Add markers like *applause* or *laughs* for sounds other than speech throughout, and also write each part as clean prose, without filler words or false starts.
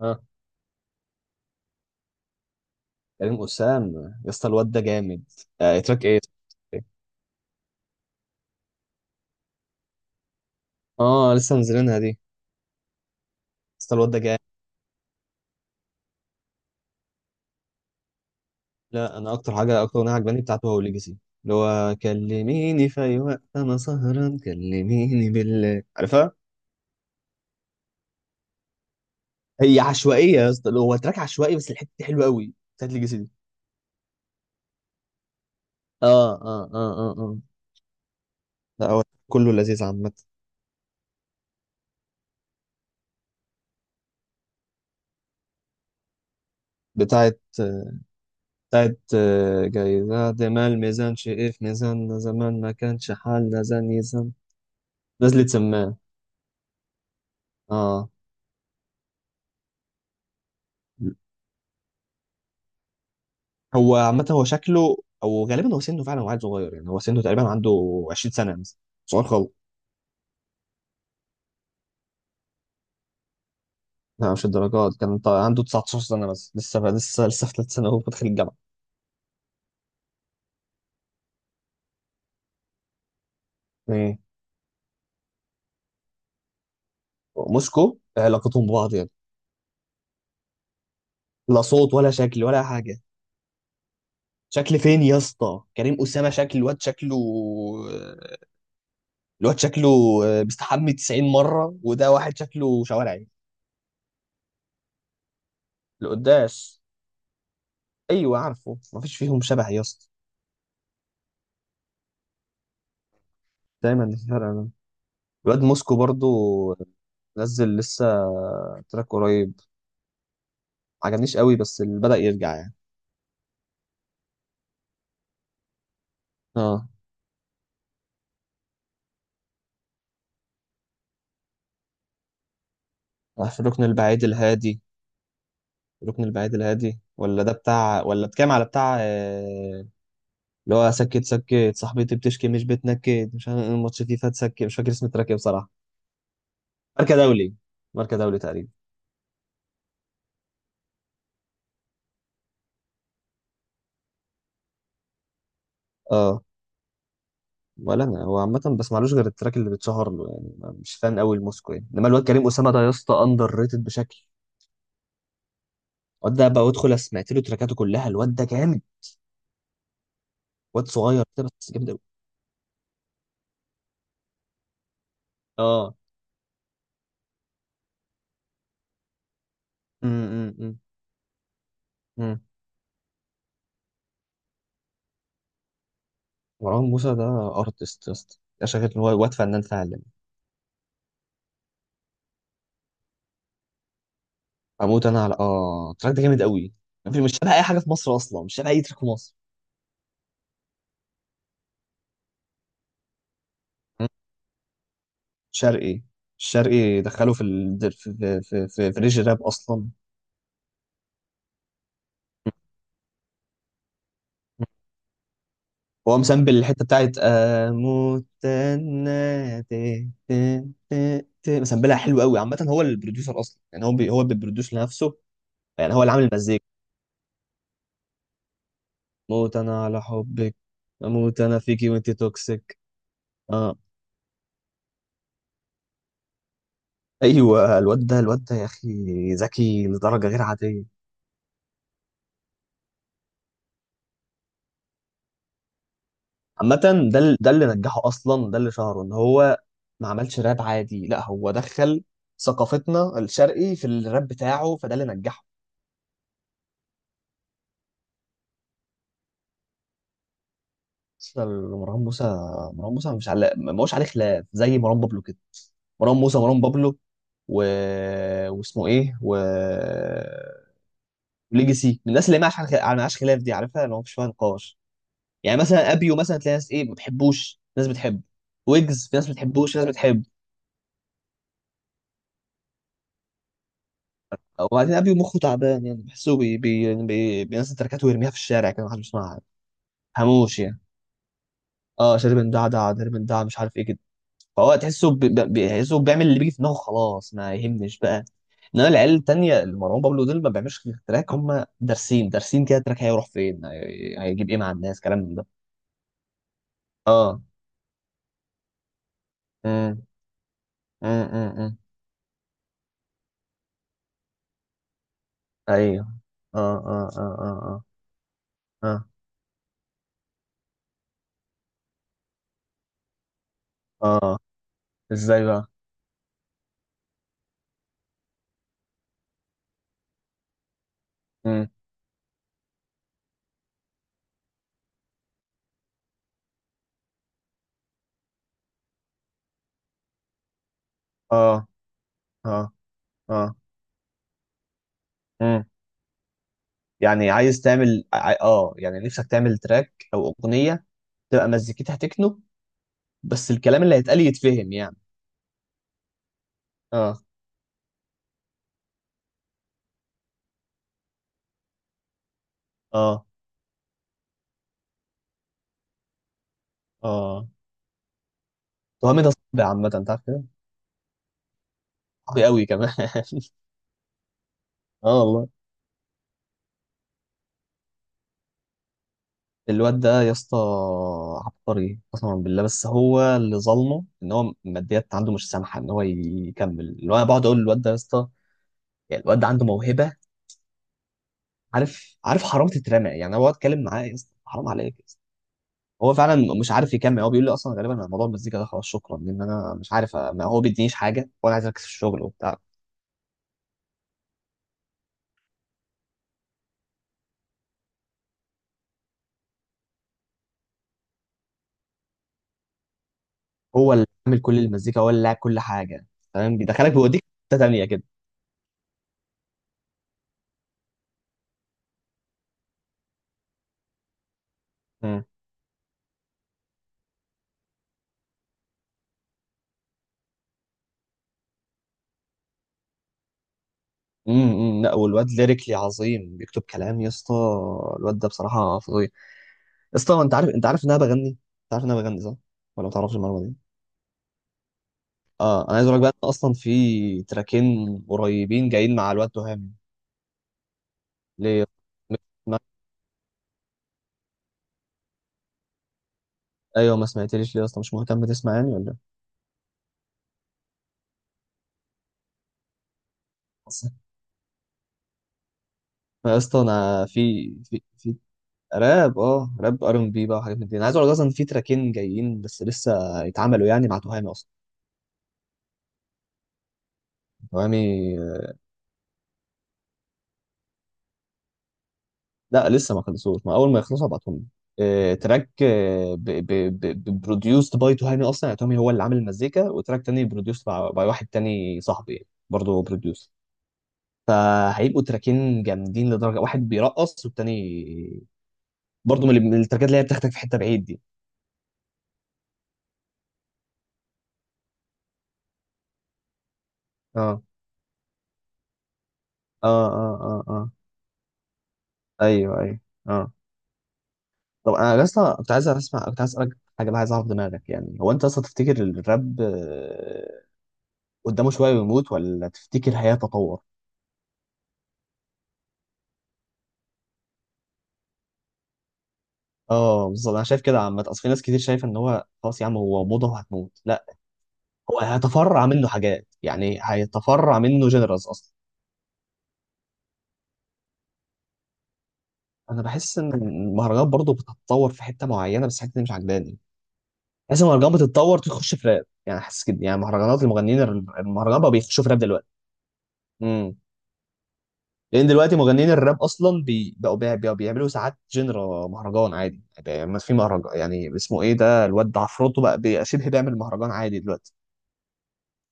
اه. كريم أسام. يا اسطى الواد ده جامد. آه، تراك ايه؟ اه، لسه منزلينها دي يا اسطى. الواد ده جامد. لا، انا اكتر اغنيه عجباني بتاعته هو ليجاسي، اللي هو كلميني في اي وقت انا سهران، كلميني بالله، عارفها. هي عشوائيه يا اسطى، هو تراك عشوائي بس الحته دي حلوه قوي، بتاعت ليجاسي دي. اه اه اه اه اه. لا هو كله لذيذ عامه. بتاعت بتاعت جايزة ما الميزان شقف ميزاننا زمان ما كانش حالنا زان يزن. نزلت سمان. اه. هو عامة هو شكله، أو غالبا هو سنه فعلا وعيل صغير، يعني هو سنه تقريبا عنده 20 سنة مثلا. صغير خالص. لا مش الدرجات، كان عنده 19 سنة بس لسه، في ثالث سنة وهو داخل الجامعة. مم. موسكو علاقتهم ببعض يعني؟ لا صوت ولا شكل ولا حاجة. شكل فين يا اسطى؟ كريم أسامة شكل، الواد شكله، الواد شكله بيستحمي 90 مرة، وده واحد شكله شوارعي. القداس. أيوه عارفه، مفيش فيهم شبه يا اسطى. دايما الفرق. الواد موسكو برضو نزل لسه تراك قريب، عجبنيش قوي بس اللي بدأ يرجع يعني. اه. في الركن البعيد الهادي. الركن البعيد الهادي، ولا ده بتاع، ولا بتكلم على بتاع اللي هو سكت سكت صاحبتي، بتشكي مش بتنكد، مش عارف، الماتش فيفا تسكت، مش فاكر اسم التراك ايه بصراحة. ماركة دولي، ماركة دولي تقريبا. اه. ولا انا، هو عامة بسمعلوش غير التراك اللي بتشهر له يعني، مش فان قوي لموسكو يعني، انما الواد كريم اسامة ده يا اسطى اندر ريتد بشكل. الواد ده بقى ادخل سمعت له تراكاته كلها، الواد ده جامد. واد صغير كده بس جامد قوي. اه. امم. امم. مروان موسى ده ارتست يا اسطى، ده شايف ان هو واد فنان فعلا. اموت انا، على التراك ده جامد قوي، مفيش، مش شبه اي حاجه في مصر اصلا، مش شبه اي تراك في مصر. مم. شرقي. الشرقي دخله في ريج راب اصلا. مم. هو مسامبل الحته بتاعت اموت انا، تي- تي- تي- تي. مسامبلها حلو قوي عامه، هو البروديوسر اصلا، يعني هو بيبروديوس لنفسه، يعني هو اللي عامل المزيكا. موت انا على حبك، اموت انا فيكي وانت توكسيك. اه. ايوه الواد ده، يا اخي ذكي لدرجه غير عاديه. عامه ده اللي نجحه اصلا، ده اللي شهره ان هو ما عملش راب عادي، لا هو دخل ثقافتنا، الشرقي في الراب بتاعه، فده اللي نجحه. اصلا مروان موسى، مش على ما هوش عليه خلاف زي مروان بابلو كده. مروان موسى، مروان بابلو، و... واسمه ايه، ليجاسي، من الناس اللي ما عاش ما عاش خلاف، دي عارفها اللي هو مش فيها نقاش. يعني مثلا ابيو، مثلا تلاقي ناس ايه ما بتحبوش، ناس بتحبه. ويجز في ناس ما بتحبوش، في ناس بتحبه. وبعدين ابيو مخه تعبان، يعني بحسه بي بي يعني بينزل تركات ويرميها في الشارع كده، محدش بيسمعها، هموش يعني. اه شارب دعدع، شارب دع، مش عارف ايه كده، فهو تحسه، بيحسه بيعمل اللي بيجي في دماغه خلاص، ما يهمش بقى. انما العيال التانية، اللي مروان بابلو دول، ما بيعملوش غير تراك هم دارسين، دارسين كده التراك هيروح فين، هيجيب ايه مع الناس، كلام من ده. اه. امم. امم. امم. إمم. ايوه. اه اه اه اه. اه. آه. اه. ازاي بقى؟ امم. اه اه اه. امم. يعني عايز تعمل، يعني نفسك تعمل تراك او اغنيه تبقى مزيكتها تكنو، بس الكلام اللي هيتقال يتفهم يعني؟ اه اه اه. وهمي ده صعب عامه، انت عارف كده، صعب قوي كمان. *laughs* اه والله. الواد ده يا اسطى عبقري قسما بالله، بس هو اللي ظلمه ان هو الماديات عنده مش سامحه ان هو يكمل، اللي هو انا بقعد اقول للواد ده يا اسطى، يعني الواد ده عنده موهبه، عارف حرام تترمى يعني، هو اتكلم معاه يا اسطى، حرام عليك يا اسطى. هو فعلا مش عارف يكمل، هو بيقول لي اصلا غالبا انا موضوع المزيكا ده خلاص شكرا، لان انا مش عارف، ما هو بيدينيش حاجه وانا عايز اركز في الشغل وبتاع. هو اللي عامل كل المزيكا، هو اللي لاعب كل حاجه. فاهم، بيدخلك، بيوديك في حته تانيه كده. امم. امم. لا والواد ليريكلي عظيم، بيكتب كلام يا اسطى، الواد ده بصراحه فظيع يا اسطى. انت عارف، ان انا بغني؟ انت عارف ان انا بغني صح، ولا ما تعرفش المعلومه دي؟ اه، انا عايز اقول لك بقى إن اصلا في تراكين قريبين جايين مع الواد تهامي. ليه؟ ما... ايوه، ما سمعتليش ليه اصلا؟ مش مهتم تسمعني ولا ايه؟ ما اصلا انا في راب. اه راب، ار ام بي بقى، وحاجات من دي، انا عايز اقول لك اصلا في تراكين جايين بس لسه يتعملوا يعني، مع تهامي اصلا. تهامي. لا لسه ما خلصوش، ما اول ما يخلصوا هبعتهم لك. تراك بروديوسد باي تهامي اصلا، يعني تهامي هو اللي عامل المزيكا، وتراك تاني بروديوسد باي واحد تاني صاحبي، يعني برضه بروديوسر. فهيبقوا تراكين جامدين لدرجه، واحد بيرقص، والتاني برضه من التركات اللي هي بتاخدك في حته بعيد دي. اه اه اه اه اه. ايوه ايوه. اه. طب انا لسه، كنت عايز اسالك حاجه بقى، عايز اعرف دماغك يعني، هو انت اصلا تفتكر الراب قدامه شويه ويموت، ولا تفتكر هيتطور؟ اه بالظبط، انا شايف كده عامه، اصل في ناس كتير شايفه ان هو خلاص يا عم هو موضه وهتموت، لا هو هيتفرع منه حاجات، يعني هيتفرع منه جنرالز اصلا. انا بحس ان المهرجانات برضه بتتطور في حته معينه، بس الحته دي مش عجباني، حاسس إن المهرجانات بتتطور تخش في راب يعني، حاسس كده، يعني مهرجانات، المهرجان بقى بيخشوا في راب دلوقتي. امم. لان دلوقتي مغنيين الراب اصلا، بقوا بيعملوا ساعات جنرا مهرجان عادي، يعني ما في مهرجان يعني اسمه ايه، ده الواد ده عفروتو بقى شبه بيعمل مهرجان عادي دلوقتي،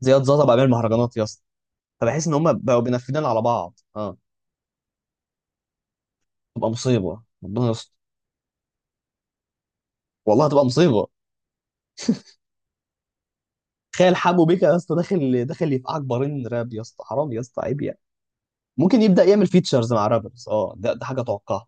زياد زازا بقى بيعمل مهرجانات يا اسطى، فبحس ان هم بقوا بينفذين على بعض. اه. تبقى مصيبه، ربنا يستر. والله هتبقى مصيبه، تخيل حمو بيكا يا اسطى داخل، داخل يفقعك بارين راب يا اسطى، حرام يا اسطى، عيب يعني. ممكن يبدا يعمل فيتشرز مع رابرز، اه ده حاجه اتوقعها.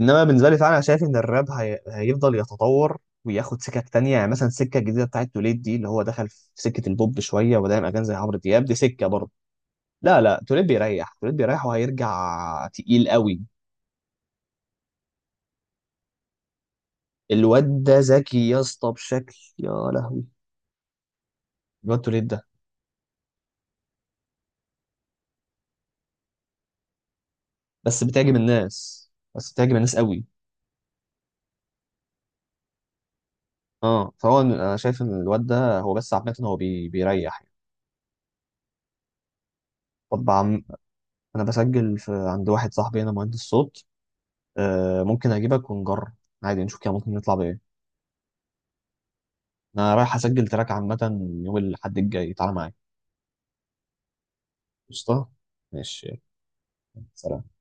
انما بالنسبه لي فعلا انا شايف ان الراب هيفضل يتطور، وياخد سكك تانية، يعني مثلا السكه الجديده بتاعت توليد دي، اللي هو دخل في سكه البوب شويه، ودايم اغاني زي عمرو دياب، دي سكه برضه. لا لا، توليد بيريح، توليد بيريح، وهيرجع تقيل قوي. الواد ده ذكي يا اسطى بشكل يا لهوي، الواد توليد ده، بس بتعجب الناس، بس بتعجب الناس قوي. اه، فهو انا شايف ان الواد ده، هو بس عامه هو بيريح. طب عم... انا بسجل عند واحد صاحبي هنا مهندس صوت، ممكن اجيبك ونجرب، عادي نشوف كده، ممكن نطلع بايه. انا رايح اسجل تراك عامه يوم الاحد الجاي، تعالى معايا. قشطه. ماشي. يلا، سلام.